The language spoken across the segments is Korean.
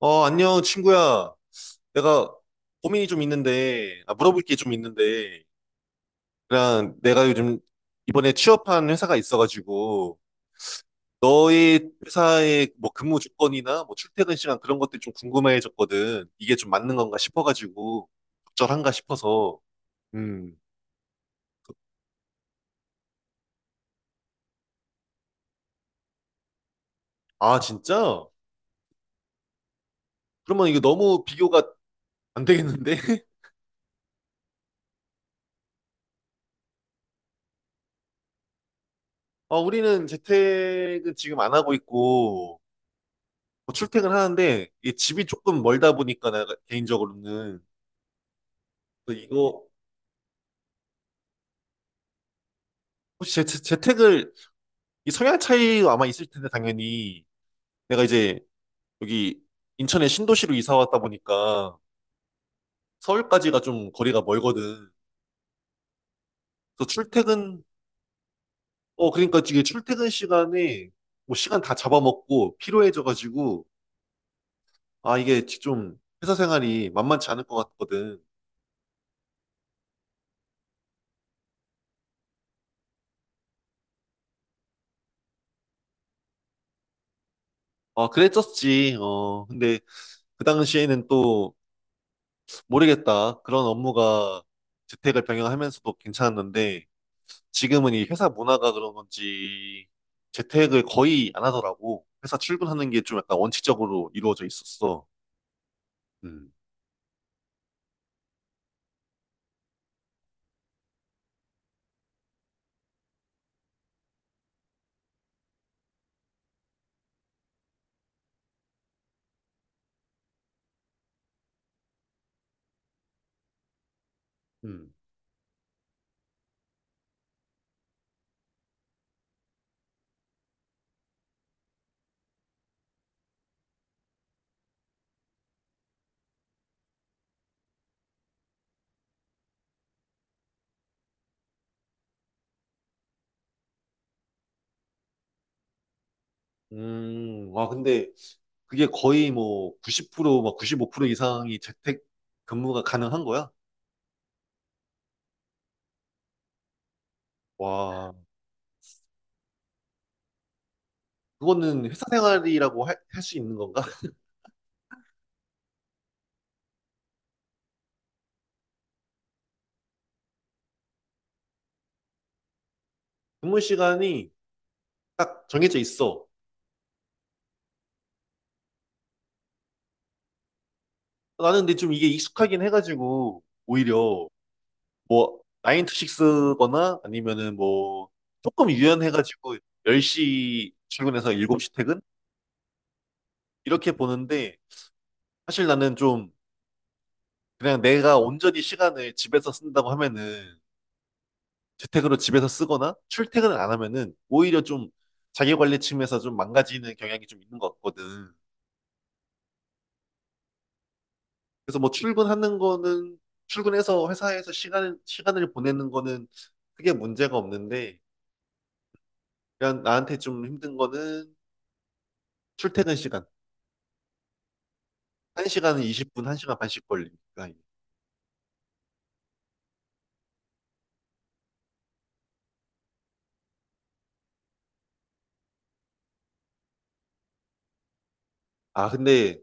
어, 안녕, 친구야. 내가 고민이 좀 있는데, 물어볼 게 좀 있는데, 그냥 내가 요즘 이번에 취업한 회사가 있어가지고, 너의 회사의 뭐 근무 조건이나 뭐 출퇴근 시간 그런 것들이 좀 궁금해졌거든. 이게 좀 맞는 건가 싶어가지고, 적절한가 싶어서. 음. 아, 진짜? 그러면 이거 너무 비교가 안 되겠는데? 어, 우리는 재택은 지금 안 하고 있고, 뭐 출퇴근하는데, 이 집이 조금 멀다 보니까, 내가 개인적으로는. 그래서 이거 혹시 재택을, 이 성향 차이가 아마 있을 텐데, 당연히 내가 이제 여기 인천의 신도시로 이사 왔다 보니까 서울까지가 좀 거리가 멀거든. 그래서 출퇴근, 그러니까 이게 출퇴근 시간에 뭐 시간 다 잡아먹고 피로해져가지고 이게 좀 회사 생활이 만만치 않을 것 같거든. 아, 그랬었지. 근데 그 당시에는 또 모르겠다. 그런 업무가 재택을 병행하면서도 괜찮았는데. 지금은 이 회사 문화가 그런 건지 재택을 거의 안 하더라고. 회사 출근하는 게 좀 약간 원칙적으로 이루어져 있었어. 음. 음. 음. 와, 근데 그게 거의 뭐 90%, 막 95% 이상이 재택 근무가 가능한 거야? 와, 그거는 회사 생활이라고 할 수 있는 건가? 근무 시간이 딱 정해져 있어. 나는 근데 좀 이게 익숙하긴 해가지고 오히려 뭐, 9 to 6거나 아니면은 뭐, 조금 유연해가지고 10시 출근해서 7시 퇴근? 이렇게 보는데, 사실 나는 좀 그냥 내가 온전히 시간을 집에서 쓴다고 하면은 재택으로 집에서 쓰거나 출퇴근을 안 하면은 오히려 좀 자기 관리 측면에서 좀 망가지는 경향이 좀 있는 것 같거든. 그래서 뭐 출근하는 거는 출근해서 회사에서 시간을 보내는 거는 크게 문제가 없는데, 그냥 나한테 좀 힘든 거는 출퇴근 시간. 1시간은 20분, 1시간 반씩 걸리니까. 아, 근데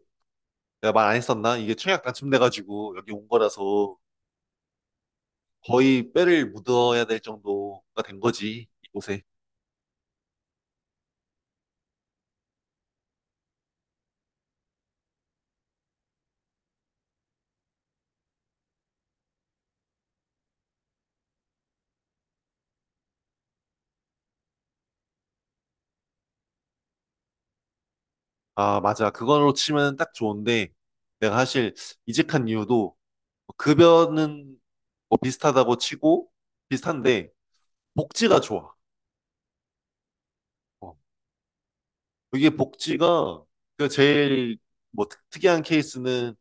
내가 말 안 했었나? 이게 청약 당첨돼가지고 여기 온 거라서 거의 뼈를 묻어야 될 정도가 된 거지, 이곳에. 아, 맞아. 그걸로 치면 딱 좋은데 내가 사실 이직한 이유도 뭐 급여는 뭐 비슷하다고 치고, 비슷한데 복지가 좋아. 어. 이게 복지가, 그 제일 뭐 특이한 케이스는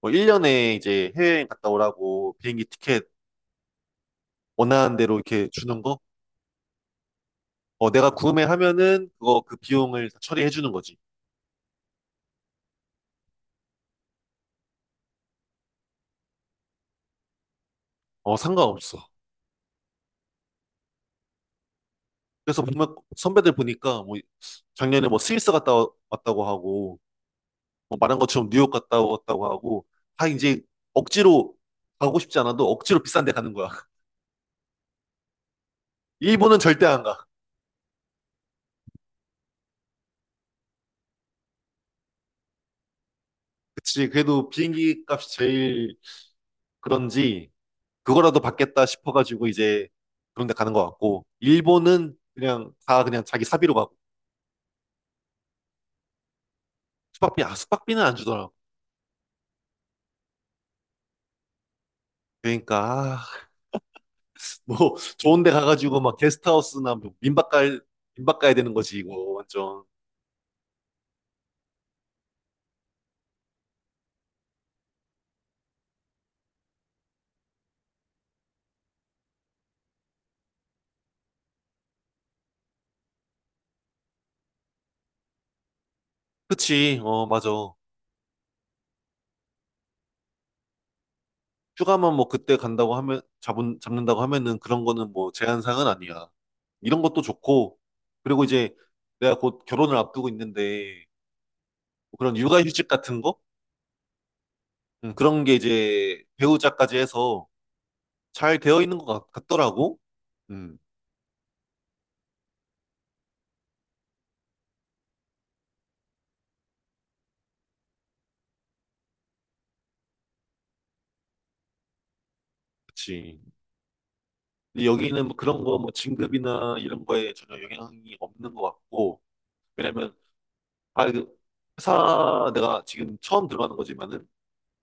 뭐 1년에 이제 해외여행 갔다 오라고 비행기 티켓 원하는 대로 이렇게 주는 거? 어, 내가 구매하면은 그거 그 비용을 다 처리해 주는 거지. 어, 상관없어. 그래서 보면 선배들 보니까 뭐 작년에 뭐 스위스 갔다 왔다고 하고, 뭐 말한 것처럼 뉴욕 갔다 왔다고 하고, 다 이제 억지로, 가고 싶지 않아도 억지로 비싼 데 가는 거야. 일본은 절대 안 가. 그치. 그래도 비행기 값이 제일 그런지 그거라도 받겠다 싶어가지고, 이제 그런 데 가는 것 같고, 일본은 그냥 다 그냥 자기 사비로 가고. 숙박비, 숙박비는 안 주더라고. 그러니까, 아, 뭐 좋은 데 가가지고 막 게스트하우스나 뭐 민박 가야 되는 거지, 이거 완전. 그치. 어, 맞아. 휴가만, 뭐 그때 간다고 하면, 잡은 잡는다고 하면은 그런 거는 뭐 제한사항은 아니야. 이런 것도 좋고, 그리고 이제 내가 곧 결혼을 앞두고 있는데 뭐 그런 육아휴직 같은 거. 그런 게 이제 배우자까지 해서 잘 되어 있는 것 같더라고. 음. 그치. 근데 여기는 뭐 그런 거, 뭐 진급이나 이런 거에 전혀 영향이 없는 것 같고. 왜냐면, 그 회사 내가 지금 처음 들어가는 거지만은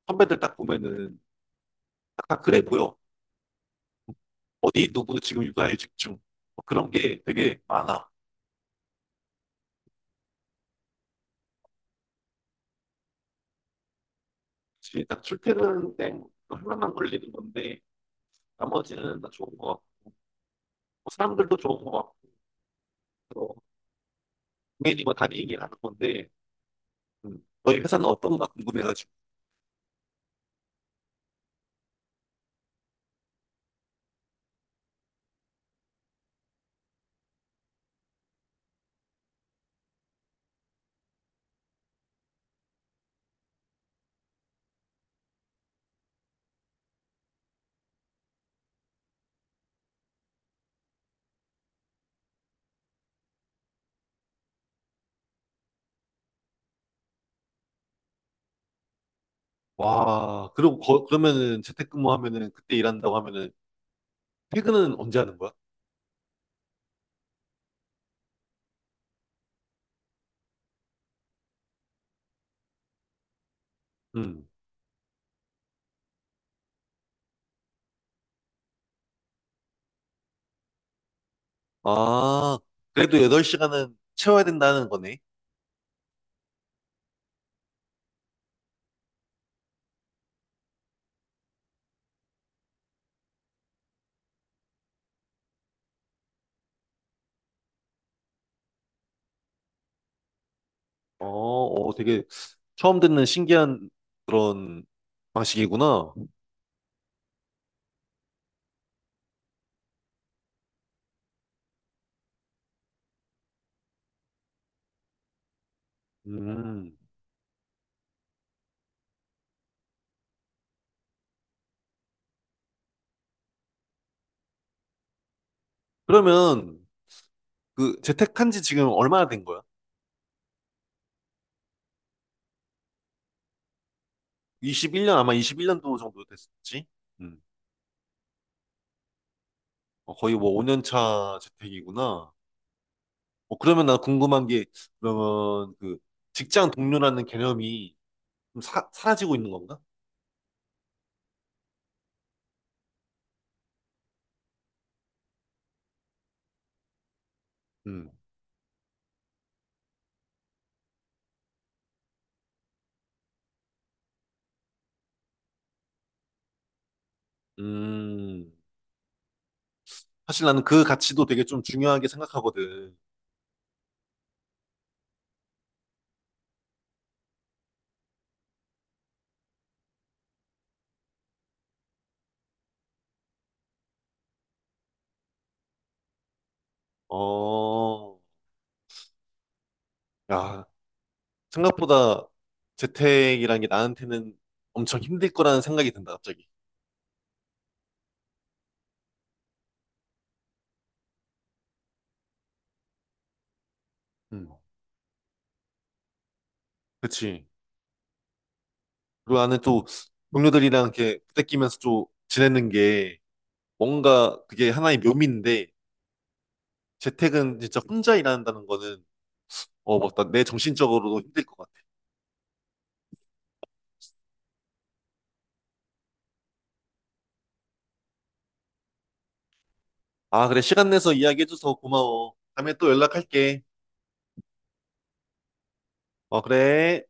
선배들 딱 보면은 딱, 다 그래 보여. 어디 누구 지금 육아에 집중. 뭐 그런 게 되게 많아. 지금 딱 출퇴근 때 하나만 걸리는 건데 나머지는 다 좋은 거 같고, 뭐 사람들도 좋은 거 같고, 또 동행이 뭐다 얘기를 하는 건데. 너희 회사는 어떤가 궁금해가지고. 와, 그리고 그러면은 재택근무하면은, 그때 일한다고 하면은 퇴근은 언제 하는 거야? 음. 아, 그래도 8시간은 채워야 된다는 거네. 어, 어, 되게 처음 듣는 신기한 그런 방식이구나. 음. 그러면 그 재택한 지 지금 얼마나 된 거야? 21년, 아마 21년도 정도 됐었지? 음. 어, 거의 뭐 5년 차 재택이구나. 어, 그러면 나 궁금한 게, 그러면 그 직장 동료라는 개념이 좀 사라지고 있는 건가? 음. 음. 사실 나는 그 가치도 되게 좀 중요하게 생각하거든. 어. 야, 생각보다 재택이란 게 나한테는 엄청 힘들 거라는 생각이 든다, 갑자기. 음. 그치. 그리고 나는 또 동료들이랑 이렇게 부대끼면서 또 지내는 게 뭔가 그게 하나의 묘미인데, 재택은 진짜 혼자 일한다는 거는, 어, 맞다, 내 정신적으로도 힘들 것 같아. 아, 그래. 시간 내서 이야기해줘서 고마워. 다음에 또 연락할게. 어, 그래.